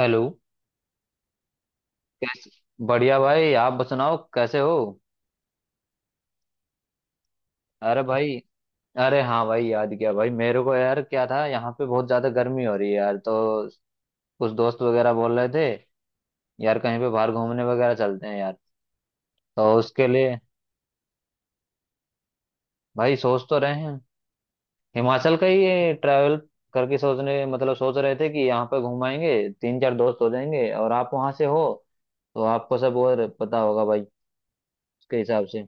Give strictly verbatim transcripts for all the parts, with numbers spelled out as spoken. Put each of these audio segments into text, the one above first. Hello. कैसे? बढ़िया भाई, आप सुनाओ कैसे हो। अरे भाई, अरे हाँ भाई, याद किया भाई। मेरे को यार क्या था, यहाँ पे बहुत ज्यादा गर्मी हो रही है यार, तो कुछ दोस्त वगैरह बोल रहे थे, यार कहीं पे बाहर घूमने वगैरह चलते हैं यार। तो उसके लिए भाई सोच तो रहे हैं। हिमाचल का ही ट्रैवल करके सोचने, मतलब सोच रहे थे कि यहाँ पे घुमाएंगे। तीन चार दोस्त हो जाएंगे, और आप वहाँ से हो तो आपको सब और पता होगा भाई। उसके हिसाब से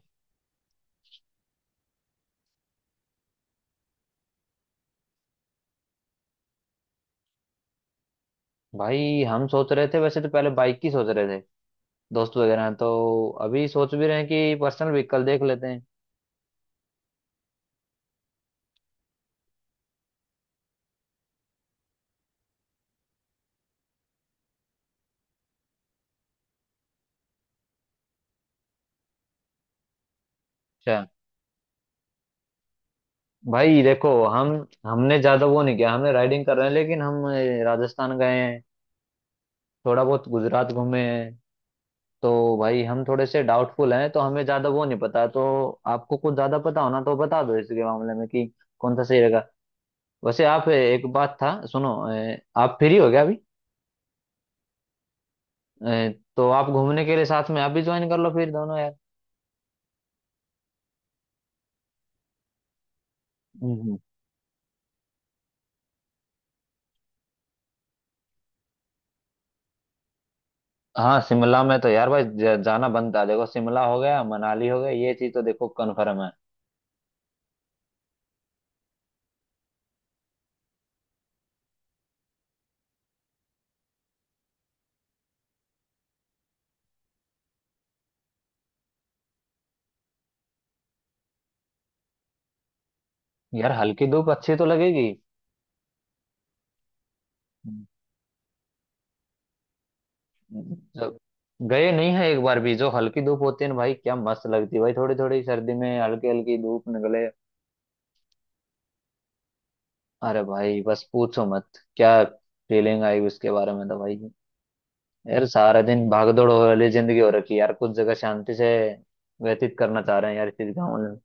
भाई हम सोच रहे थे, वैसे तो पहले बाइक की सोच रहे थे। दोस्त वगैरह हैं, तो अभी सोच भी रहे हैं कि पर्सनल व्हीकल देख लेते हैं। अच्छा भाई, देखो हम हमने ज्यादा वो नहीं किया, हमने राइडिंग कर रहे हैं, लेकिन हम अ, राजस्थान गए हैं, थोड़ा बहुत गुजरात घूमे हैं। तो भाई हम थोड़े से डाउटफुल हैं, तो हमें ज्यादा वो नहीं पता, तो आपको कुछ ज्यादा पता होना तो बता दो इसके मामले में कि कौन सा सही रहेगा। वैसे आप अ, एक बात था सुनो, अ, आप फ्री हो गया अभी? अ, तो आप घूमने के लिए साथ में आप भी ज्वाइन कर लो फिर दोनों यार। हम्म। हाँ, शिमला में तो यार भाई ज- जाना बनता है। देखो शिमला हो गया, मनाली हो गया, ये चीज तो देखो कन्फर्म है। यार हल्की धूप अच्छी तो लगेगी, जब गए नहीं है एक बार भी। जो हल्की धूप होती है ना भाई, क्या मस्त लगती है भाई, थोड़ी थोड़ी सर्दी में हल्की हल्की धूप निकले। अरे भाई बस पूछो मत, क्या फीलिंग आई उसके बारे में तो भाई। यार सारा दिन भागदौड़ वाली जिंदगी हो रखी है यार, कुछ जगह शांति से व्यतीत करना चाह रहे हैं यार, इस गाँव में।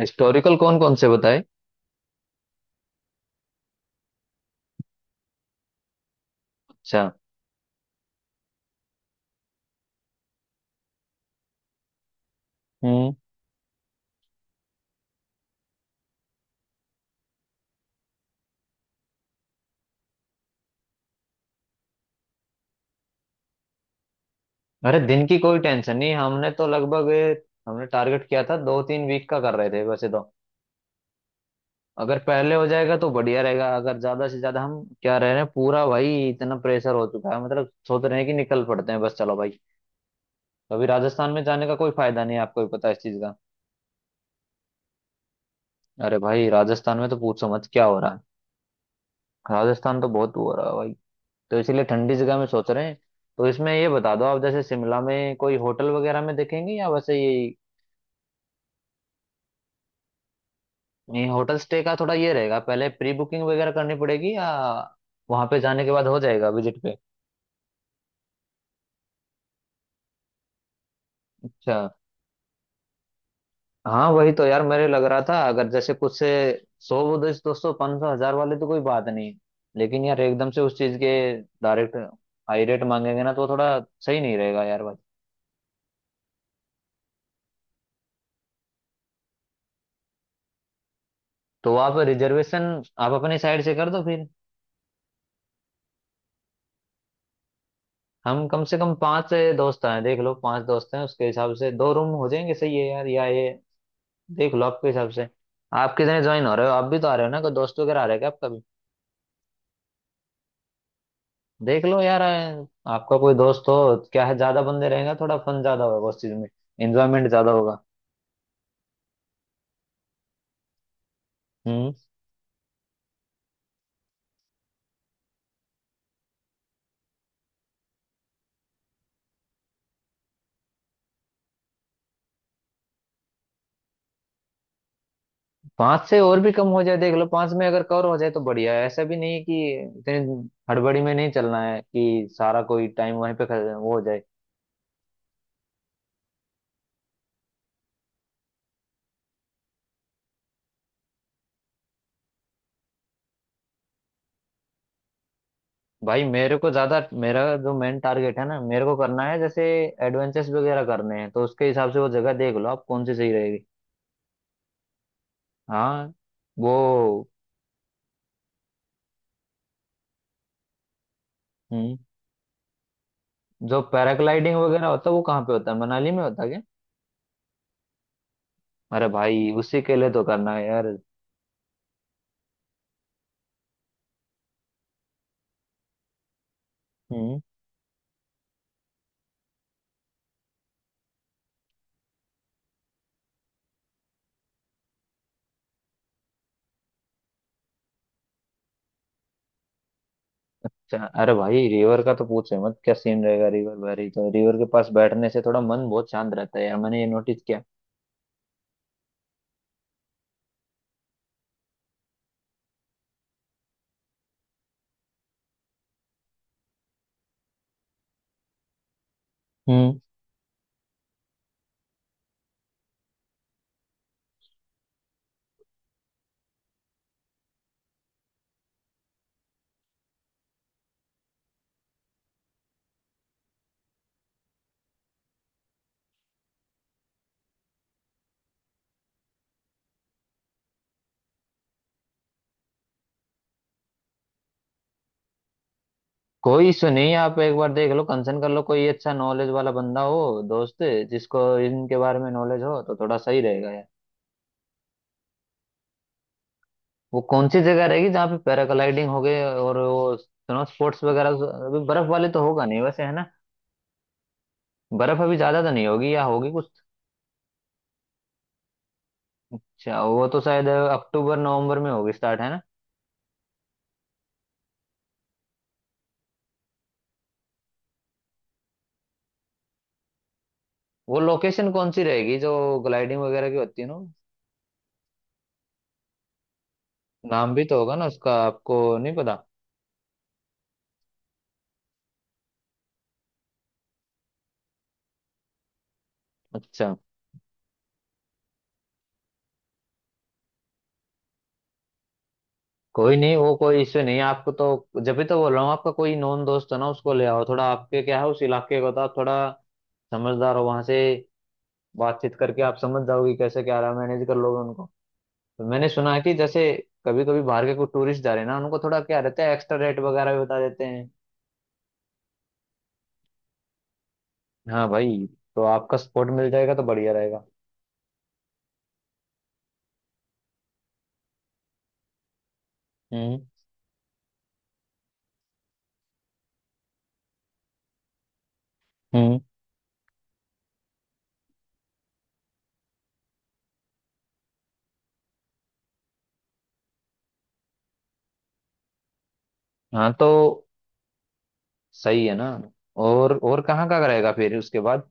हिस्टोरिकल कौन कौन से बताए। अच्छा। हम्म। अरे दिन की कोई टेंशन नहीं, हमने तो लगभग हमने टारगेट किया था दो तीन वीक का, कर रहे थे वैसे तो। अगर पहले हो जाएगा तो बढ़िया रहेगा। अगर ज्यादा से ज्यादा हम क्या रह रहे हैं पूरा भाई, इतना प्रेशर हो चुका है, मतलब सोच रहे हैं कि निकल पड़ते हैं बस चलो भाई। अभी राजस्थान में जाने का कोई फायदा नहीं है, आपको भी पता है इस चीज का। अरे भाई राजस्थान में तो पूछो मत क्या हो रहा है। राजस्थान तो बहुत हो रहा है भाई, तो इसीलिए ठंडी जगह में सोच रहे हैं। तो इसमें ये बता दो आप, जैसे शिमला में कोई होटल वगैरह में देखेंगे या वैसे ये, नहीं होटल स्टे का थोड़ा ये रहेगा, पहले प्री बुकिंग वगैरह करनी पड़ेगी या वहां पे जाने के बाद हो जाएगा विजिट पे। अच्छा। हाँ वही तो यार मेरे लग रहा था, अगर जैसे कुछ से सौ दो सौ पाँच सौ हजार वाले तो कोई बात नहीं, लेकिन यार एकदम से उस चीज के डायरेक्ट हाई रेट मांगेंगे ना तो थोड़ा सही नहीं रहेगा यार भाई। तो आप रिजर्वेशन आप अपनी साइड से कर दो फिर। हम कम से कम पांच दोस्त हैं, देख लो पांच दोस्त हैं, उसके हिसाब से दो रूम हो जाएंगे, सही है यार या ये? देख लो आपके हिसाब से, आप कितने ज्वाइन हो रहे हो? आप भी तो आ रहे हो ना, कोई दोस्त वगैरह आ रहा है क्या आपका भी? देख लो यार, अ, आपका कोई दोस्त हो, क्या है ज्यादा बंदे रहेंगे थोड़ा फन ज्यादा होगा उस चीज में, एंजॉयमेंट ज्यादा होगा। हम्म। पांच से और भी कम हो जाए देख लो, पांच में अगर कवर हो जाए तो बढ़िया है। ऐसा भी नहीं है कि इतनी हड़बड़ी में नहीं चलना है कि सारा कोई टाइम वहीं पे खर- वो हो जाए। भाई मेरे को ज्यादा, मेरा जो मेन टारगेट है ना, मेरे को करना है जैसे एडवेंचर्स वगैरह करने हैं, तो उसके हिसाब से वो जगह देख लो आप कौन सी सही रहेगी। हाँ। वो। हम्म। जो पैराग्लाइडिंग वगैरह होता है वो कहाँ पे होता है, मनाली में होता है क्या? अरे भाई उसी के लिए तो करना है यार। हम्म। चा- अरे भाई रिवर का तो पूछे मत, क्या सीन रहेगा, रिवर वैली तो, रिवर के पास बैठने से थोड़ा मन बहुत शांत रहता है यार, मैंने ये नोटिस किया। हम्म। कोई इशू नहीं है, आप एक बार देख लो, कंसर्न कर लो, कोई अच्छा नॉलेज वाला बंदा हो दोस्त जिसको इनके बारे में नॉलेज हो, तो थोड़ा सही रहेगा यार। वो कौन सी जगह रहेगी जहाँ पे पैराग्लाइडिंग हो गए और वो स्नो स्पोर्ट्स वगैरह? अभी बर्फ वाले तो होगा नहीं वैसे, है ना? बर्फ अभी ज्यादा तो नहीं होगी या होगी कुछ? अच्छा, वो तो शायद अक्टूबर नवंबर में होगी स्टार्ट, है ना? वो लोकेशन कौन सी रहेगी जो ग्लाइडिंग वगैरह की होती है ना? नाम भी तो होगा ना उसका, आपको नहीं पता? अच्छा। कोई नहीं वो कोई इश्यू नहीं है, आपको तो जब भी तो बोल रहा हूँ, आपका कोई नॉन दोस्त है ना उसको ले आओ, थोड़ा आपके क्या है उस इलाके का, तो आप थोड़ा समझदार हो वहां से, बातचीत करके आप समझ जाओगे कैसे क्या रहा, मैनेज कर लोगे उनको। तो मैंने सुना है कि जैसे कभी कभी बाहर के कोई टूरिस्ट जा रहे हैं ना, उनको थोड़ा क्या रहता है, एक्स्ट्रा रेट वगैरह भी बता देते हैं। हाँ भाई, तो आपका सपोर्ट मिल जाएगा तो बढ़िया रहेगा। हम्म। हम्म। हाँ, तो सही है ना? और और कहाँ का रहेगा फिर उसके बाद?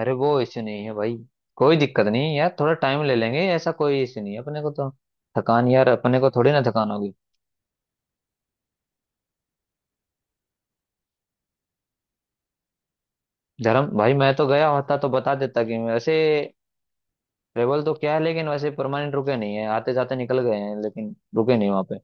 अरे वो इश्यू नहीं है भाई, कोई दिक्कत नहीं है यार, थोड़ा टाइम ले लेंगे, ऐसा कोई इश्यू नहीं है अपने को तो। थकान यार अपने को थोड़ी ना थकान होगी। धर्म भाई मैं तो गया होता तो बता देता कि वैसे ट्रेवल तो क्या है, लेकिन वैसे परमानेंट रुके नहीं है, आते जाते निकल गए हैं, लेकिन रुके नहीं वहां पे।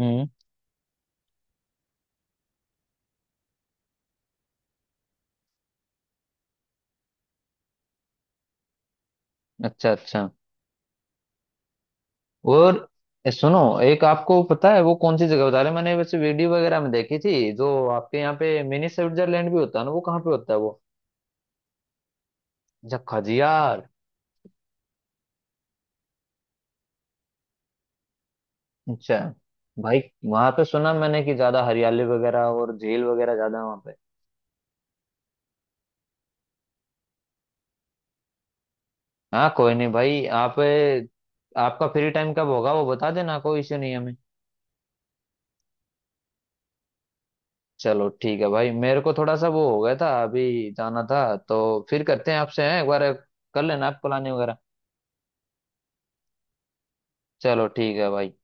हम्म। अच्छा अच्छा। और ए, सुनो एक, आपको पता है वो कौन सी जगह बता रहे हैं? मैंने वैसे वीडियो वगैरह में देखी थी, जो आपके यहाँ पे मिनी स्विट्जरलैंड भी होता है ना, वो कहाँ पे होता है वो? झक्खाजियार। अच्छा। भाई वहां पे सुना मैंने कि ज्यादा हरियाली वगैरह और झील वगैरह ज्यादा है वहां पे। हाँ, कोई नहीं भाई। आप आपका फ्री टाइम कब होगा वो बता देना, कोई इश्यू नहीं है हमें। चलो ठीक है भाई, मेरे को थोड़ा सा वो हो गया था अभी, जाना था, तो फिर करते हैं आपसे हैं एक बार। कर लेना आप प्लानिंग वगैरह। चलो ठीक है भाई।